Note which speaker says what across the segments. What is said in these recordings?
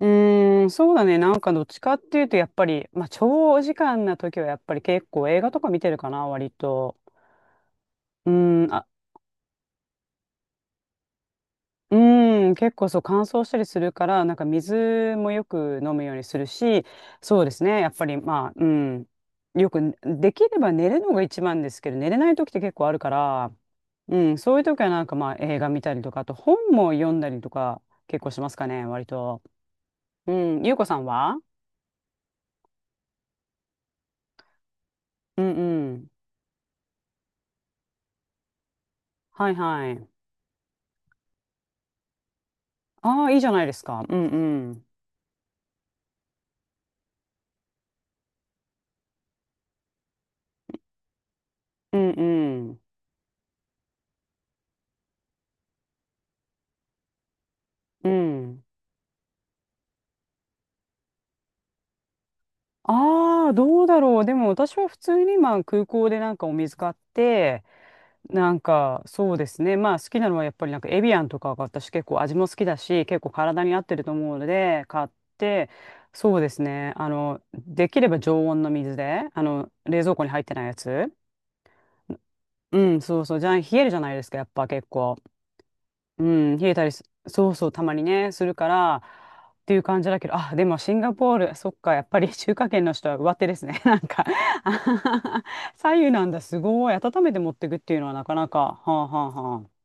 Speaker 1: うーん、そうだね。なんかどっちかっていうと、やっぱり、まあ、長時間な時はやっぱり結構映画とか見てるかな、割と。うーん、あ、うーん、結構そう乾燥したりするから、なんか水もよく飲むようにするし、そうですね。やっぱり、まあ、うん、よく、できれば寝るのが一番ですけど、寝れない時って結構あるから、うん、そういう時はなんかまあ映画見たりとか、あと本も読んだりとか結構しますかね、割と。うん、ゆうこさんは。うんうん。はいはい。ああ、いいじゃないですか。うんうん。うんうん。うん。ああ、どうだろう。でも私は普通にまあ空港でなんかお水買って、なんかそうですね。まあ好きなのはやっぱりなんかエビアンとかが私結構味も好きだし、結構体に合ってると思うので、買って、そうですね。あの、できれば常温の水で、あの、冷蔵庫に入ってないやつ。うん、そうそう。じゃあ冷えるじゃないですか、やっぱ結構。うん、冷えたりす、そうそう、たまにね、するから、っていう感じだけど、あ、でもシンガポール、そっか、やっぱり 中華圏の人は上手ですね。なんかあははは 左右なんだ、すごい。温めて持ってくっていうのはなかなか、はあはあはあ。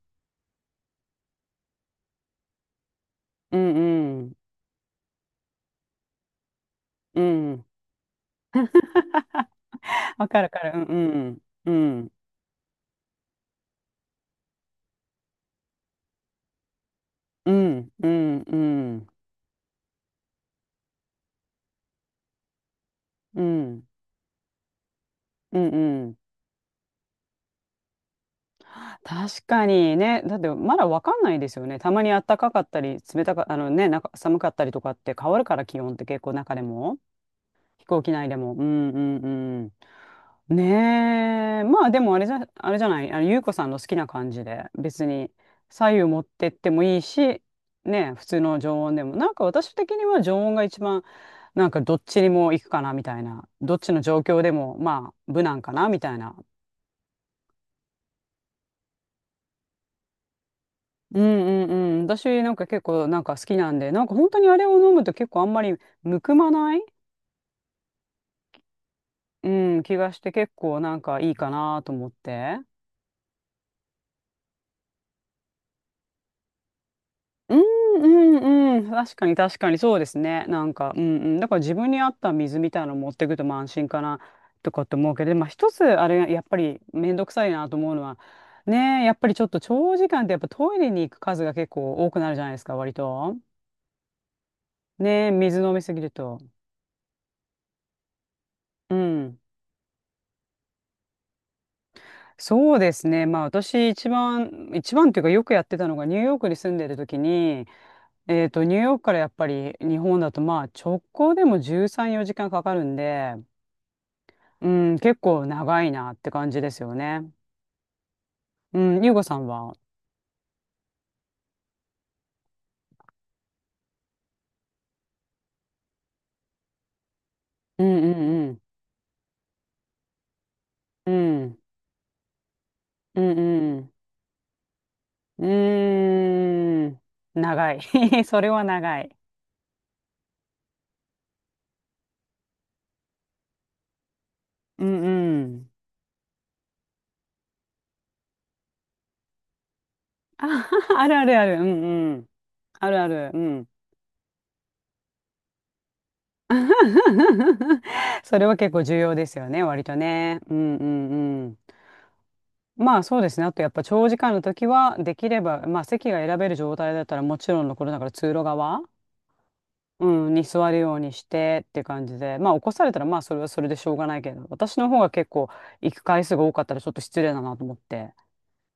Speaker 1: うんうん、うん。わかるわかる、うんうん、うん、うん、うん、うん、うん、うん。確かにね、だってまだわかんないですよね。たまに暖かかったり、冷たか、あのね、なんか寒かったりとかって変わるから、気温って結構中でも。飛行機内でも。うんうんうん。ねえ。まあでもあれじゃ、あれじゃない。あの、ゆうこさんの好きな感じで、別に左右持ってってもいいし、ねえ、普通の常温でも。なんか私的には常温が一番、なんかどっちにも行くかなみたいな。どっちの状況でも、まあ、無難かなみたいな。うんうんうん。私なんか結構なんか好きなんで、なんか本当にあれを飲むと結構あんまりむくまない、うん、気がして結構なんかいいかなと思って。うんうんうん。確かに確かにそうですね。なんか、うんうん。だから自分に合った水みたいなの持ってくとまあ安心かなとかって思うけど、まあ一つあれやっぱりめんどくさいなと思うのは、ねえ、やっぱりちょっと長時間ってやっぱトイレに行く数が結構多くなるじゃないですか、割と。ねえ、水飲みすぎると。うん。そうですね。まあ私一番、一番っていうかよくやってたのがニューヨークに住んでる時に、ニューヨークからやっぱり日本だとまあ直行でも13、4時間かかるんで、うん、結構長いなって感じですよね。うん、ゆうごさんは。うんうんうん。うん。うんうん。うーん。長い。それは長い。うんうん。あ、あるあるある。うんうん。あるある。うん。それは結構重要ですよね、割とね。うんうんうん。まあそうですね。あとやっぱ長時間の時は、できれば、まあ席が選べる状態だったらもちろんのことだから通路側。うん、に座るようにしてって感じで、まあ起こされたらまあそれはそれでしょうがないけど、私の方が結構行く回数が多かったらちょっと失礼だなと思って。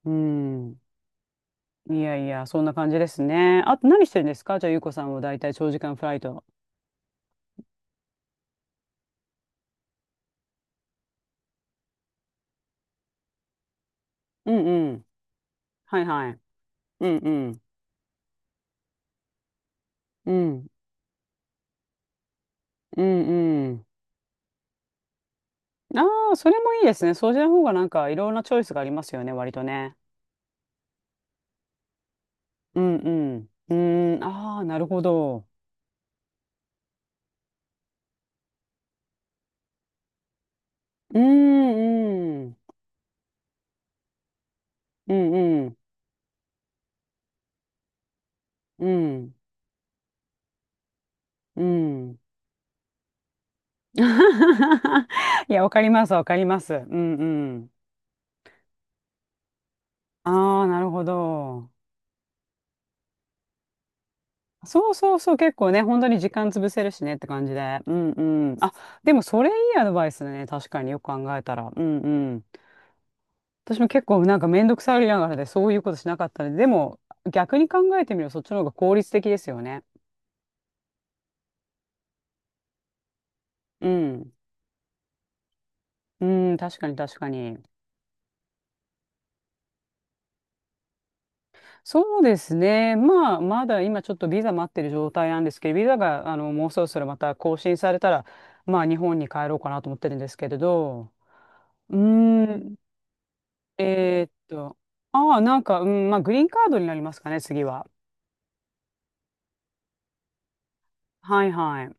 Speaker 1: うん。いやいや、そんな感じですね。あと何してるんですかじゃあ、ゆうこさんはだいたい長時間フライト。うんうん。はいはい。うんうん。うん。うんうん。ああ、それもいいですね。そうじゃ方がなんかいろんなチョイスがありますよね、割とね。うんうん。うーん、ああ、なるほど。うーんうん。うんうん。うん。うん。いや、わかります、わかります。うんうん。ああ、なるほど。そうそうそう、結構ね、本当に時間潰せるしねって感じで。うんうん。あ、でもそれいいアドバイスだね。確かによく考えたら。うんうん。私も結構なんかめんどくさがりながらでそういうことしなかったので、でも逆に考えてみるとそっちの方が効率的ですよね。うん。うん、確かに確かに。そうですね。まあ、まだ今ちょっとビザ待ってる状態なんですけど、ビザが、あの、もうそろそろまた更新されたら、まあ、日本に帰ろうかなと思ってるんですけれど、うーん、えーっと、ああ、なんか、うん、まあ、グリーンカードになりますかね、次は。はいはい。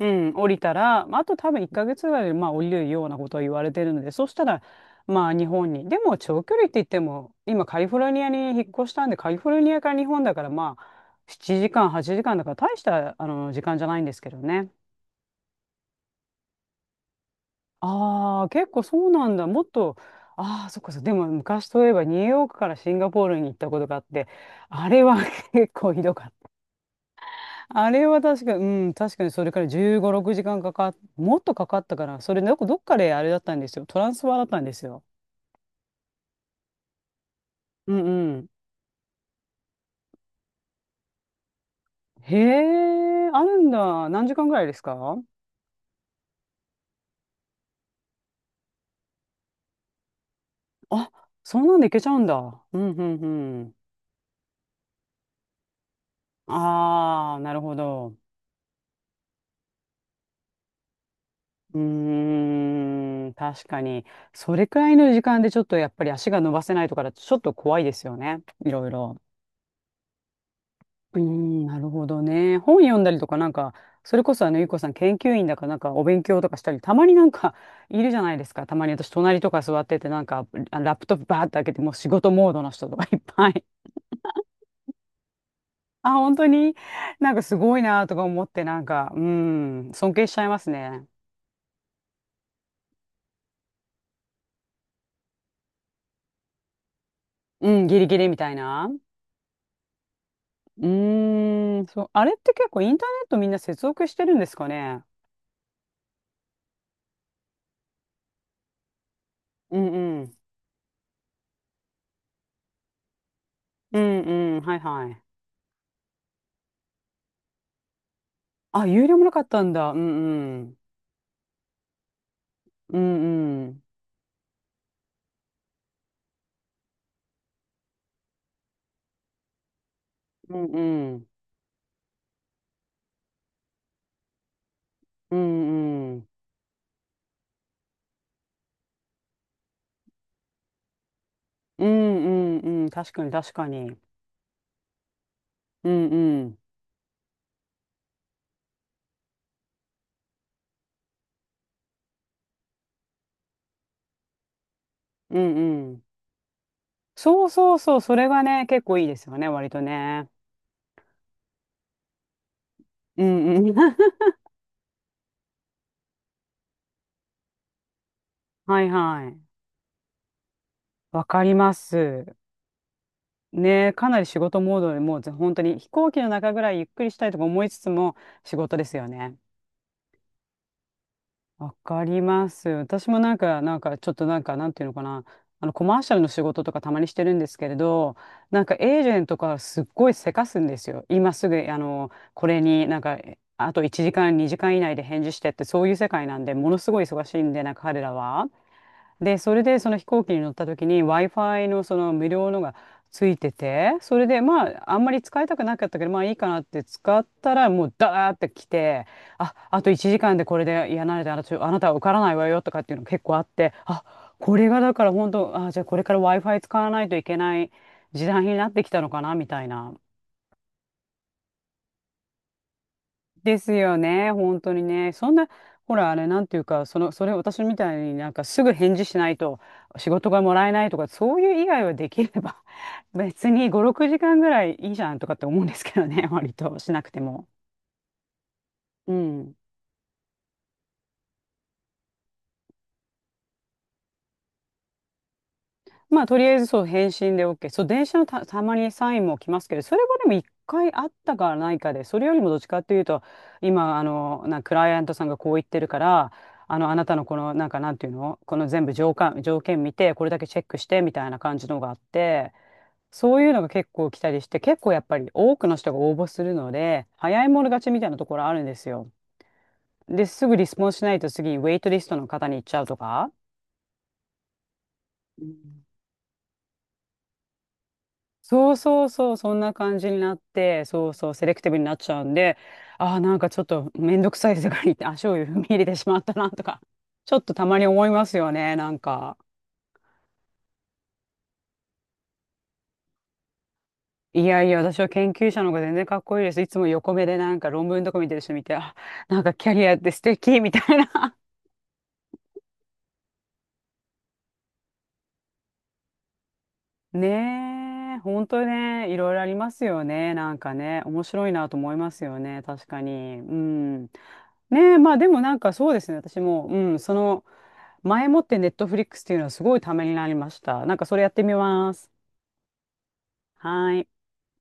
Speaker 1: うん、降りたら、まあ、あと多分1ヶ月ぐらいで、まあ、降りるようなことを言われてるので、そしたら、まあ、日本に。でも、長距離って言っても、今、カリフォルニアに引っ越したんで、カリフォルニアから日本だから、まあ、7時間、8時間だから、大した、あの、時間じゃないんですけどね。ああ、結構そうなんだ。もっと、ああ、そっかそっか。でも、昔といえば、ニューヨークからシンガポールに行ったことがあって、あれは 結構ひどかっあれは確かに、うん、確かにそれから15、6時間かんかかっ、もっとかかったから、それどこ、なんかどっかであれだったんですよ。トランスファーだったんですよ。うんうん。へえ、あるんだ。何時間ぐらいですか。あ、そんなんでいけちゃうんだ。うんうんうん。ああ、なるほど。うーん、確かに。それくらいの時間でちょっとやっぱり足が伸ばせないとかだとちょっと怖いですよね。いろいろ。うーん、なるほどね。本読んだりとか、なんか、それこそあの、ゆうこさん研究員だから、なんかお勉強とかしたり、たまになんか、いるじゃないですか。たまに私、隣とか座ってて、なんか、あラップトップバーって開けて、もう仕事モードの人とかいっぱい。あ、本当になんかすごいなとか思って、なんか、うん、尊敬しちゃいますね。うん、ギリギリみたいな。うーん、そう、あれって結構インターネットみんな接続してるんですかね。うんうん。うんうん、はいはい。あ、有料もなかったんだ。うんうん。うんうん。うんうん。うんうん。うんうんうん。確かに確かに。うんうん。うんうん。そうそうそう。それがね、結構いいですよね、割とね。うんうん。はいはい。わかります。ね、かなり仕事モードでもうぜ本当に飛行機の中ぐらいゆっくりしたいとか思いつつも仕事ですよね。わかります。私もなんか、なんか、ちょっとなんか、なんていうのかな。コマーシャルの仕事とかたまにしてるんですけれど、なんかエージェントからすっごいせかすんですよ。今すぐ、これにあと1時間、2時間以内で返事してって、そういう世界なんで、ものすごい忙しいんで、なんか彼らは。で、それでその飛行機に乗った時に Wi-Fi のその無料のがついてて、それでまああんまり使いたくなかったけど、まあいいかなって使ったらもうダーって来て、あ、あと1時間でこれで、いや、慣れてあなた、あなたは受からないわよとかっていうの結構あって、あ、これがだから本当、あ、じゃあこれから Wi-Fi 使わないといけない時代になってきたのかなみたいな。ですよね、本当にね。そんな、ほら、あれ、なんていうか、その、それ、私みたいになんかすぐ返事しないと仕事がもらえないとか、そういう以外はできれば、別に5、6時間ぐらいいいじゃんとかって思うんですけどね、割としなくても。うん。まあ、とりあえずそう、返信で OK。そう、電車のたまにサインも来ますけど、それはでも一回あったかないかで、それよりもどっちかっていうと、今、クライアントさんがこう言ってるから、あなたのこの、なんか、なんていうのこの全部条件、条件見て、これだけチェックして、みたいな感じのがあって、そういうのが結構来たりして、結構やっぱり多くの人が応募するので、早い者勝ちみたいなところあるんですよ。で、すぐリスポンスしないと次、ウェイトリストの方に行っちゃうとか。そうそうそう、そんな感じになって、そうそう、セレクティブになっちゃうんで、ああ、なんかちょっとめんどくさい世界に足を踏み入れてしまったなとか、ちょっとたまに思いますよね、なんか。いやいや、私は研究者の方が全然かっこいいです。いつも横目でなんか論文とか見てる人見て、あ、なんかキャリアって素敵みたいな。ねえ、本当ね、いろいろありますよね。なんかね、面白いなと思いますよね。確かに。うん。ねえ、まあでもなんかそうですね。私も、うん、その、前もってネットフリックスっていうのはすごいためになりました。なんかそれやってみます。はい。